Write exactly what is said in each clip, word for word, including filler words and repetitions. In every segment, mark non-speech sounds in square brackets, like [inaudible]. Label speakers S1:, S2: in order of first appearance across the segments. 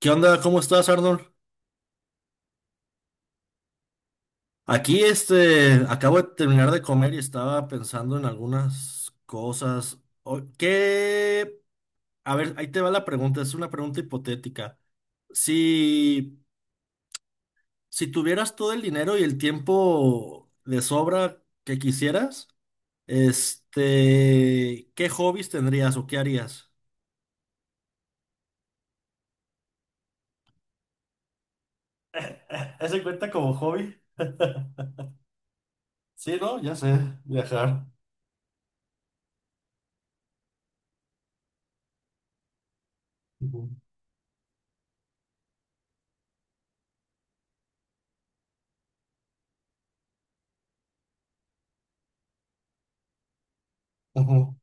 S1: ¿Qué onda? ¿Cómo estás, Arnold? Aquí, este, acabo de terminar de comer y estaba pensando en algunas cosas. O- ¿Qué? A ver, ahí te va la pregunta, es una pregunta hipotética. Si, si tuvieras todo el dinero y el tiempo de sobra que quisieras, este, ¿qué hobbies tendrías o qué harías? [laughs] ¿Ese cuenta como hobby? [laughs] Sí, ¿no? Ya sé, viajar. Ujú, ujú.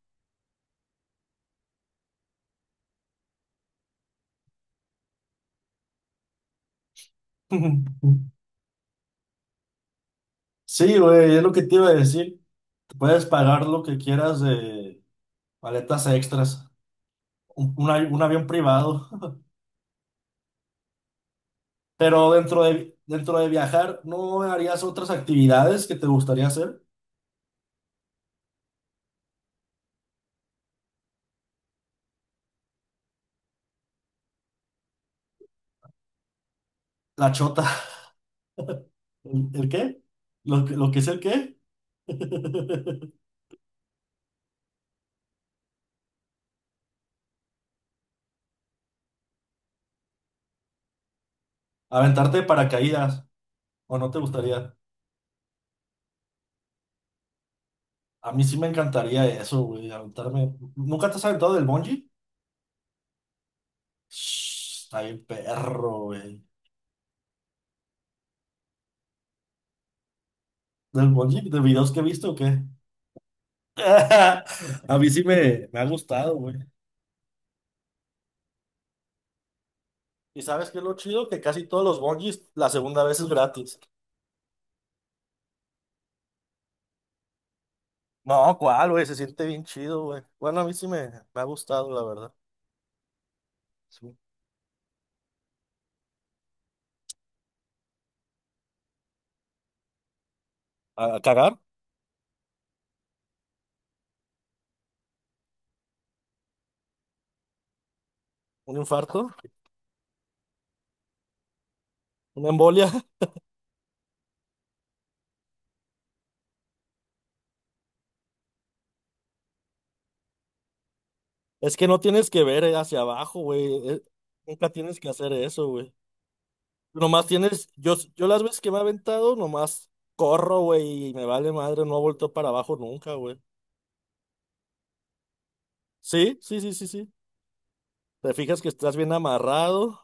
S1: [laughs] Sí, güey, es lo que te iba a decir. Puedes pagar lo que quieras de paletas extras, un, un avi- un avión privado, [laughs] pero dentro de, dentro de viajar, ¿no harías otras actividades que te gustaría hacer? La chota. [laughs] ¿El, el qué? ¿Lo, que- lo que es el qué? [laughs] Aventarte de paracaídas, ¿o no te gustaría? A mí sí me encantaría eso, güey, aventarme. ¿Nunca te has aventado del bungee? Shh, está bien perro, güey. ¿Del bungee? ¿De videos que he visto o qué? [laughs] A mí sí me, me ha gustado, güey. ¿Y sabes qué es lo chido? Que casi todos los bungee la segunda vez es gratis. No, ¿cuál, güey? Se siente bien chido, güey. Bueno, a mí sí me, me ha gustado, la verdad. Sí. ¿A, a cagar? ¿Un infarto? ¿Una embolia? [laughs] Es que no tienes que ver eh, hacia abajo, güey. Eh, Nunca tienes que hacer eso, güey. Nomás tienes, yo, yo las veces que me he aventado, nomás corro, güey, y me vale madre, no he vuelto para abajo nunca, güey. Sí, sí, sí, sí, sí. Te fijas que estás bien amarrado.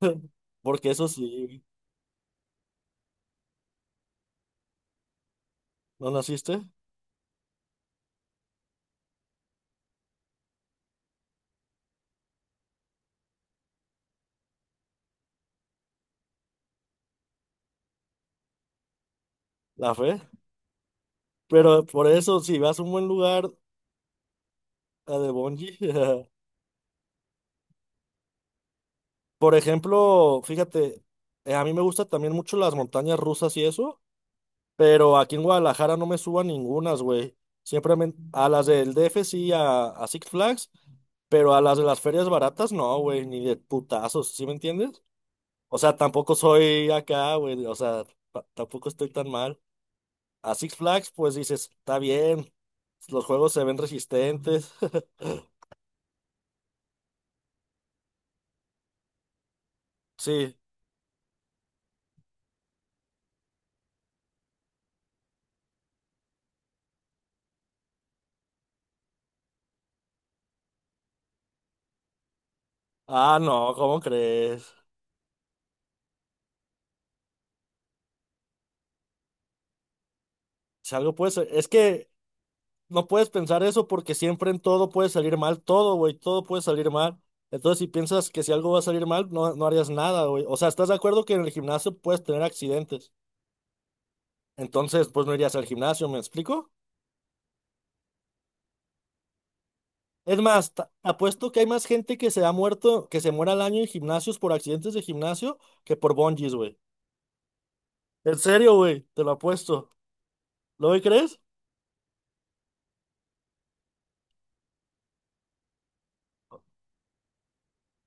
S1: [laughs] Porque eso sí, no naciste, la fe. Pero por eso, si vas a un buen lugar a de bungee, [laughs] por ejemplo, fíjate, eh, a mí me gustan también mucho las montañas rusas y eso, pero aquí en Guadalajara no me subo a ningunas, güey. Siempre me- a las del D F sí, a, a Six Flags, pero a las de las ferias baratas no, güey, ni de putazos, ¿sí me entiendes? O sea, tampoco soy acá, güey, o sea, ta- tampoco estoy tan mal. A Six Flags, pues dices, está bien, los juegos se ven resistentes. Sí. Ah, no, ¿cómo crees? Si algo puede ser- Es que no puedes pensar eso porque siempre en todo puede salir mal. Todo, güey, todo puede salir mal. Entonces, si piensas que si algo va a salir mal, no, no harías nada, güey. O sea, ¿estás de acuerdo que en el gimnasio puedes tener accidentes? Entonces, pues no irías al gimnasio, ¿me explico? Es más, ta- apuesto que hay más gente que se ha muerto, que se muera al año en gimnasios por accidentes de gimnasio que por bungees, güey. En serio, güey, te lo apuesto. ¿Lo crees?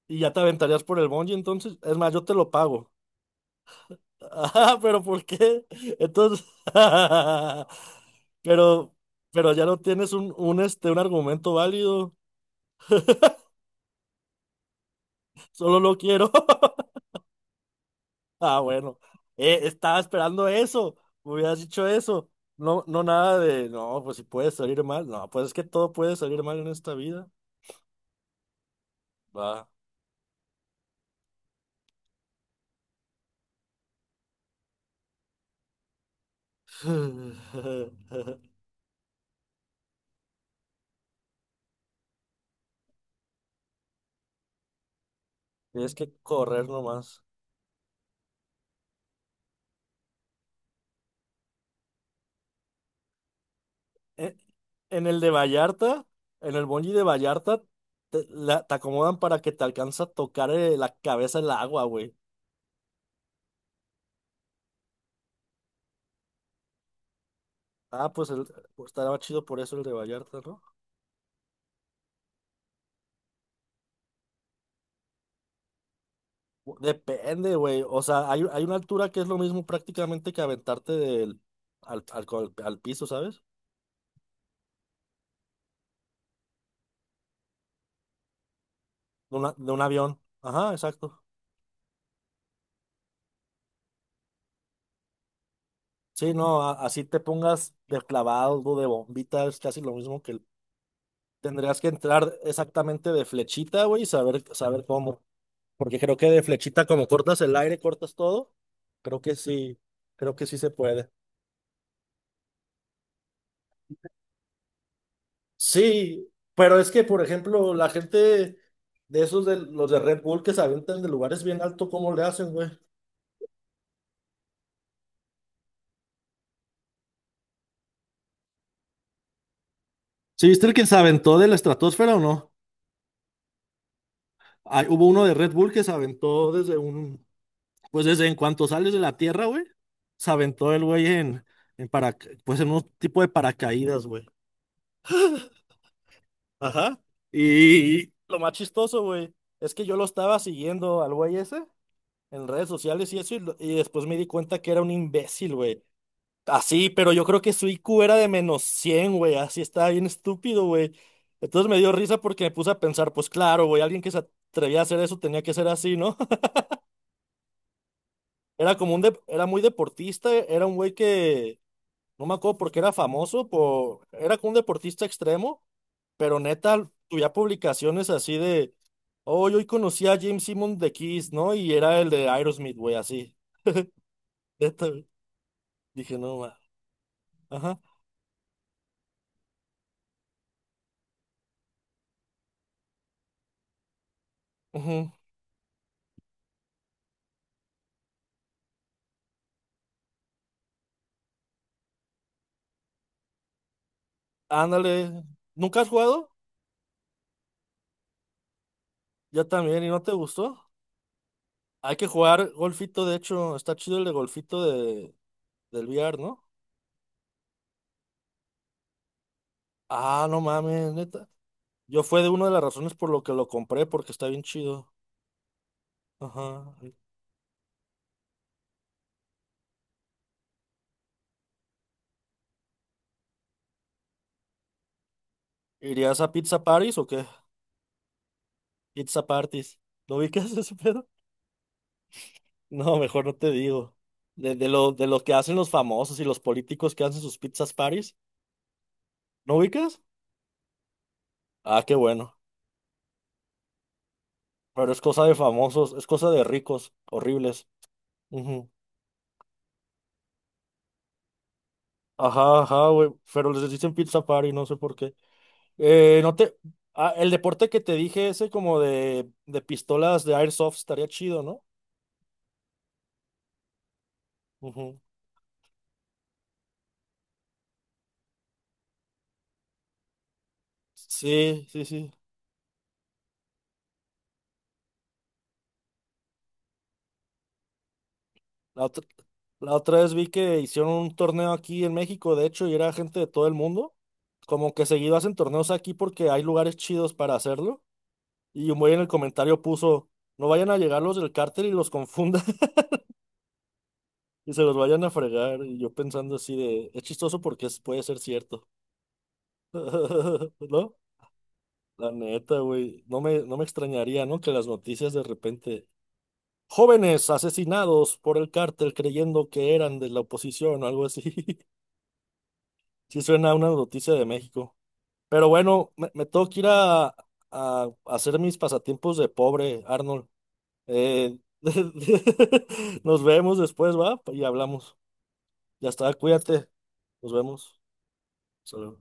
S1: Y ya te aventarías por el bungee, entonces. Es más, yo te lo pago. [laughs] Ah, pero ¿por qué? Entonces. [laughs] Pero, pero ya no tienes un, un, este, un argumento válido. [laughs] Solo lo quiero. [laughs] Ah, bueno. Eh, estaba esperando eso. Me hubieras dicho eso. No, no nada de. No, pues si puede salir mal. No, pues es que todo puede salir mal en esta vida. Va. [laughs] Tienes que correr nomás. e- En el de Vallarta, en el bungee de Vallarta, te, la- te acomodan para que te alcanza a tocar eh, la cabeza en el agua, güey. Ah, pues, el, pues estará chido por eso el de Vallarta, ¿no? Depende, güey. O sea, hay, hay una altura que es lo mismo prácticamente que aventarte del, al, al, col- al piso, ¿sabes? De, una- de un avión. Ajá, exacto. Sí, no, a- así te pongas de clavado, de bombita, es casi lo mismo que el- tendrías que entrar exactamente de flechita, güey, y saber, saber cómo. Porque creo que de flechita, como cortas el aire, cortas todo. Creo que sí, creo que sí se puede. Sí, pero es que, por ejemplo, la gente de esos de los de Red Bull que se aventan de lugares bien altos, ¿cómo le hacen, güey? ¿Sí viste el que se aventó de la estratosfera o no? Ah, hubo uno de Red Bull que se aventó desde un, pues desde en cuanto sales de la tierra, güey, se aventó el güey en, en para, pues en un tipo de paracaídas, güey. Ajá. Y lo más chistoso, güey, es que yo lo estaba siguiendo al güey ese en redes sociales y eso, y, lo- y después me di cuenta que era un imbécil, güey. Así, pero yo creo que su I Q era de menos cien, güey, así estaba bien estúpido, güey. Entonces me dio risa porque me puse a pensar, pues claro, güey, alguien que se atrevía a hacer eso tenía que ser así, ¿no? [laughs] Era como un, dep- era muy deportista, era un güey que no me acuerdo porque era famoso, por, era como un deportista extremo, pero neta, tuve publicaciones así de, hoy hoy conocí a James Simon de Kiss, ¿no? Y era el de Aerosmith, güey, así. Neta, güey. Dije, no, ma. Ajá. Ujú. Ándale. ¿Nunca has jugado? Ya también, ¿y no te gustó? Hay que jugar golfito, de hecho, está chido el de golfito de, del V R, ¿no? Ah, no mames, neta. Yo fue de una de las razones por lo que lo compré, porque está bien chido. Ajá. ¿Irías a Pizza Paris o qué? Pizza Parties. ¿Lo ubicas [laughs] ese pedo? No, mejor no te digo. De, de lo, de lo que hacen los famosos y los políticos que hacen sus pizzas parties. ¿No ubicas? Ah, qué bueno. Pero es cosa de famosos, es cosa de ricos, horribles. Ujú. Ajá, ajá, güey. Pero les dicen pizza party, no sé por qué. Eh, no te... Ah, el deporte que te dije, ese como de, de pistolas de airsoft, estaría chido, ¿no? Ujú. Sí, sí, sí. La otra, la otra vez vi que hicieron un torneo aquí en México, de hecho, y era gente de todo el mundo. Como que seguido hacen torneos aquí porque hay lugares chidos para hacerlo. Y un güey en el comentario puso, no vayan a llegar los del cártel y los confundan [laughs] y se los vayan a fregar. Y yo pensando así de, es chistoso porque es- puede ser cierto. [laughs] ¿No? La neta, güey. No me, no me extrañaría, ¿no? Que las noticias de repente... Jóvenes asesinados por el cártel creyendo que eran de la oposición o algo así. [laughs] Sí suena a una noticia de México. Pero bueno, me, me tengo que ir a, a hacer mis pasatiempos de pobre, Arnold. Eh, [laughs] nos vemos después, ¿va? Y hablamos. Ya está, cuídate. Nos vemos. Hasta luego.